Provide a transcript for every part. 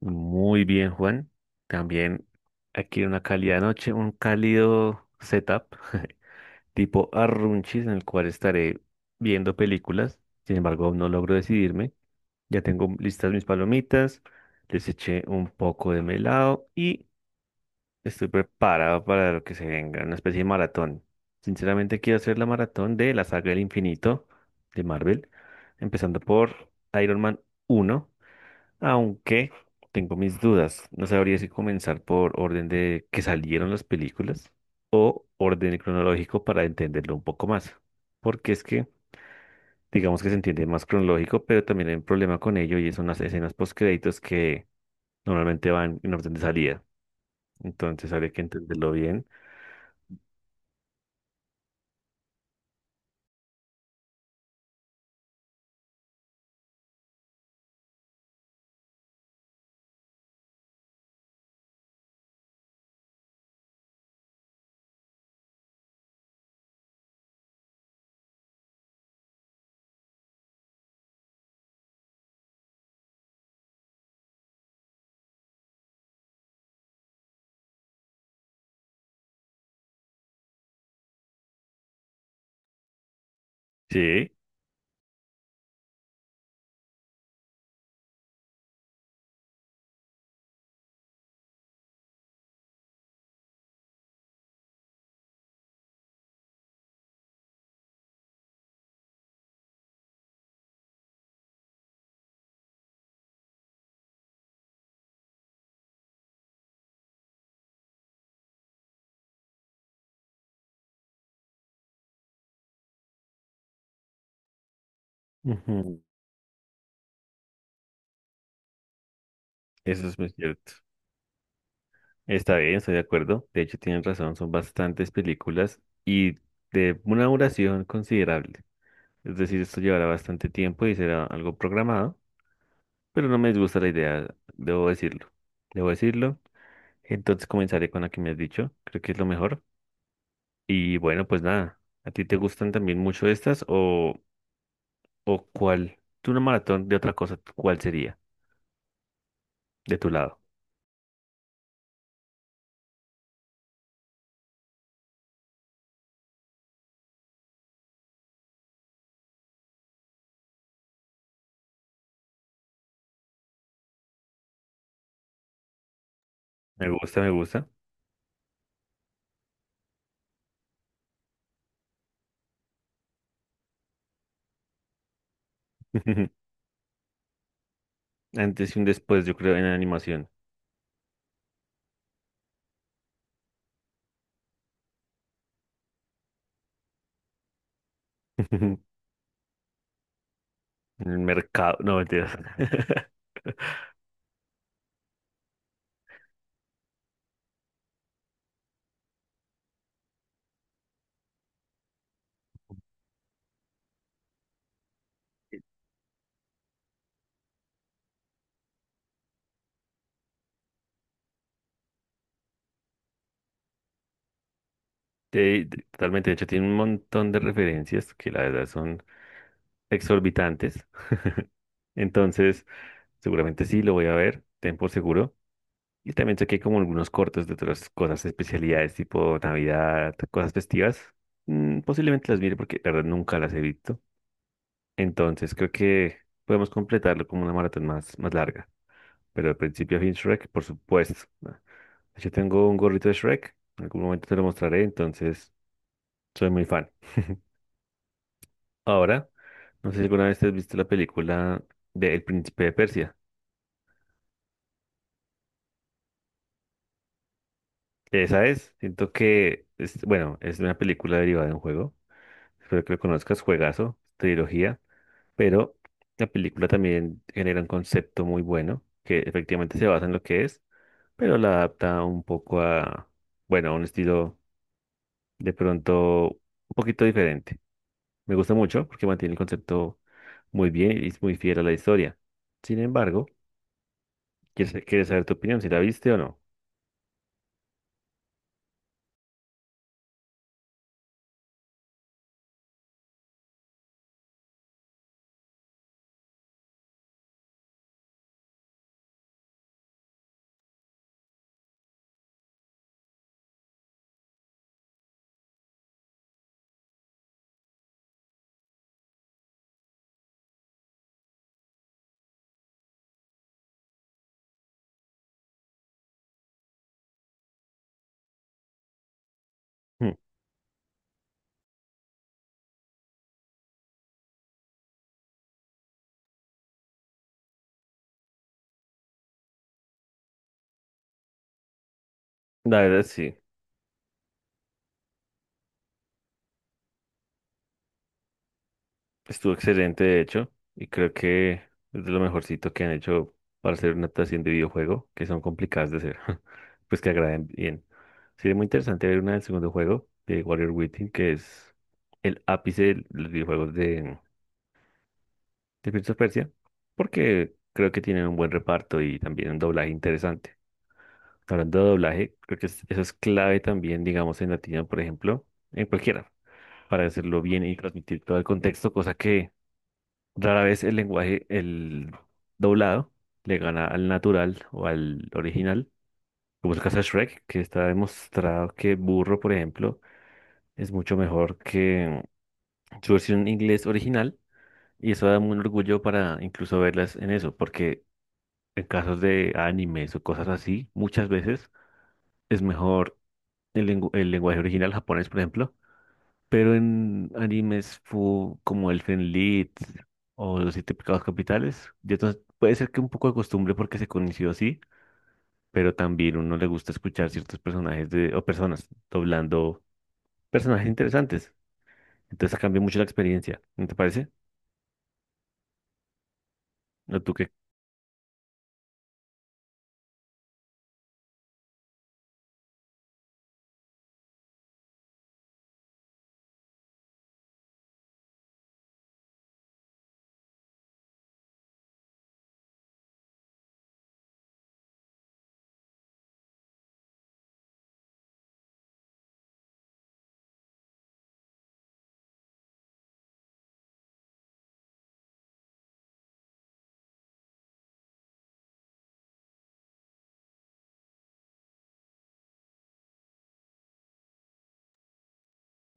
Muy bien, Juan. También aquí una cálida noche, un cálido setup tipo Arrunchis en el cual estaré viendo películas. Sin embargo, aún no logro decidirme. Ya tengo listas mis palomitas, les eché un poco de melado y estoy preparado para lo que se venga, una especie de maratón. Sinceramente, quiero hacer la maratón de la saga del infinito de Marvel, empezando por Iron Man uno. Aunque tengo mis dudas, no sabría si comenzar por orden de que salieron las películas o orden cronológico para entenderlo un poco más. Porque es que, digamos que se entiende más cronológico, pero también hay un problema con ello y son las escenas postcréditos que normalmente van en orden de salida. Entonces habría que entenderlo bien. Sí, ujú. Eso es muy cierto. Está bien, estoy de acuerdo. De hecho, tienen razón, son bastantes películas y de una duración considerable. Es decir, esto llevará bastante tiempo y será algo programado, pero no me disgusta la idea, debo decirlo. Debo decirlo. Entonces comenzaré con la que me has dicho, creo que es lo mejor. Y bueno, pues nada, ¿a ti te gustan también mucho estas o cuál? Tú una maratón de otra cosa, ¿cuál sería de tu lado? Me gusta, me gusta. Antes y un después, yo creo, en animación. En el mercado, no, mentiras. Sí, totalmente. De hecho, tiene un montón de referencias que la verdad son exorbitantes. Entonces, seguramente sí, lo voy a ver, ten por seguro. Y también sé que hay como algunos cortos de otras cosas, especialidades tipo Navidad, cosas festivas. Posiblemente las mire porque la verdad nunca las he visto. Entonces, creo que podemos completarlo como una maratón más larga. Pero de principio a fin, Shrek, por supuesto. ¿No? Yo tengo un gorrito de Shrek, en algún momento te lo mostraré, entonces soy muy fan. Ahora, no sé si alguna vez te has visto la película de El Príncipe de Persia. Esa es, siento que, es, bueno, es una película derivada de un juego. Espero que lo conozcas, juegazo, trilogía. Pero la película también genera un concepto muy bueno, que efectivamente se basa en lo que es, pero la adapta un poco a, bueno, a un estilo de pronto un poquito diferente. Me gusta mucho porque mantiene el concepto muy bien y es muy fiel a la historia. Sin embargo, quieres saber tu opinión, si la viste o no. Hmm. La verdad, sí. Estuvo excelente, de hecho, y creo que es de lo mejorcito que han hecho para hacer una adaptación de videojuego, que son complicadas de hacer, pues que agraden bien. Sería muy interesante ver una del segundo juego de Warrior Within, que es el ápice de los videojuegos de Prince of Persia, porque creo que tienen un buen reparto y también un doblaje interesante. Hablando de doblaje, creo que eso es clave también, digamos, en latino, por ejemplo, en cualquiera, para hacerlo bien y transmitir todo el contexto, cosa que rara vez el lenguaje, el doblado, le gana al natural o al original, como es el caso de Shrek, que está demostrado que Burro, por ejemplo, es mucho mejor que su versión en inglés original, y eso da un orgullo para incluso verlas en eso, porque en casos de animes o cosas así, muchas veces es mejor el, el lenguaje original japonés, por ejemplo. Pero en animes como Elfen Lied o Los Siete Pecados Capitales, y entonces puede ser que un poco de costumbre porque se conoció así, pero también uno le gusta escuchar ciertos personajes de, o personas doblando personajes interesantes. Entonces cambia mucho la experiencia, ¿no te parece? ¿No tú qué?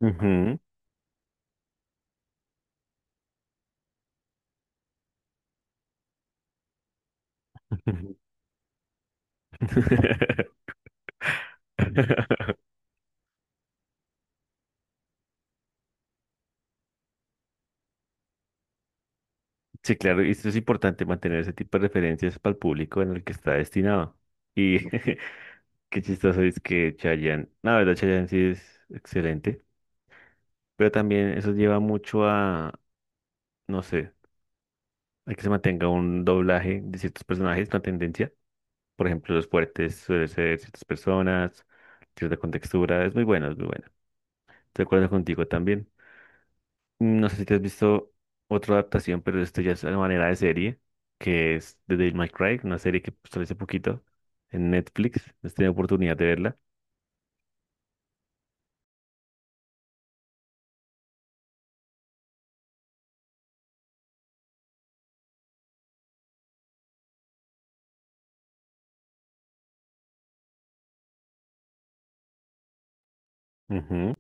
Ujú, ujú. Sí, claro, y esto es importante mantener ese tipo de referencias para el público en el que está destinado. Y qué chistoso es que Chayanne, la verdad, Chayanne sí es excelente. Pero también eso lleva mucho a, no sé, a que se mantenga un doblaje de ciertos personajes, una tendencia. Por ejemplo, los fuertes suelen ser ciertas personas, cierta contextura, es muy bueno, es muy bueno. Estoy de acuerdo contigo también. No sé si te has visto otra adaptación, pero esto ya es una manera de serie, que es The Devil May Cry, una serie que salió hace poquito en Netflix, no he tenido oportunidad de verla. Ujú.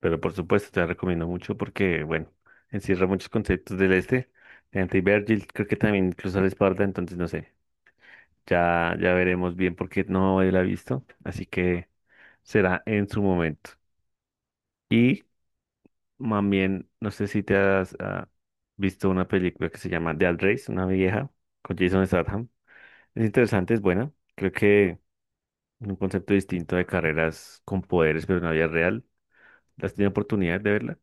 Pero por supuesto te la recomiendo mucho porque, bueno, encierra muchos conceptos del este. Dante y Virgil creo que también incluso la espalda, entonces no sé. Ya, ya veremos bien porque no la he visto. Así que será en su momento. Y también, no sé si te has visto una película que se llama Dead Race, una vieja, con Jason Statham. Es interesante, es buena. Creo que un concepto distinto de carreras con poderes, pero en la vida real. ¿Has tenido oportunidad de verla?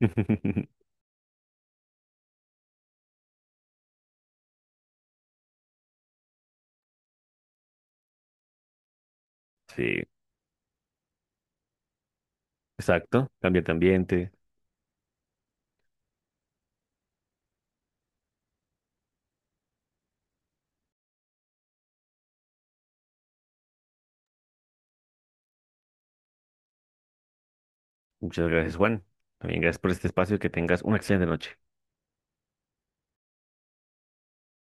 Sí. Exacto, cambio de ambiente. Muchas gracias, Juan. También gracias por este espacio y que tengas una excelente noche.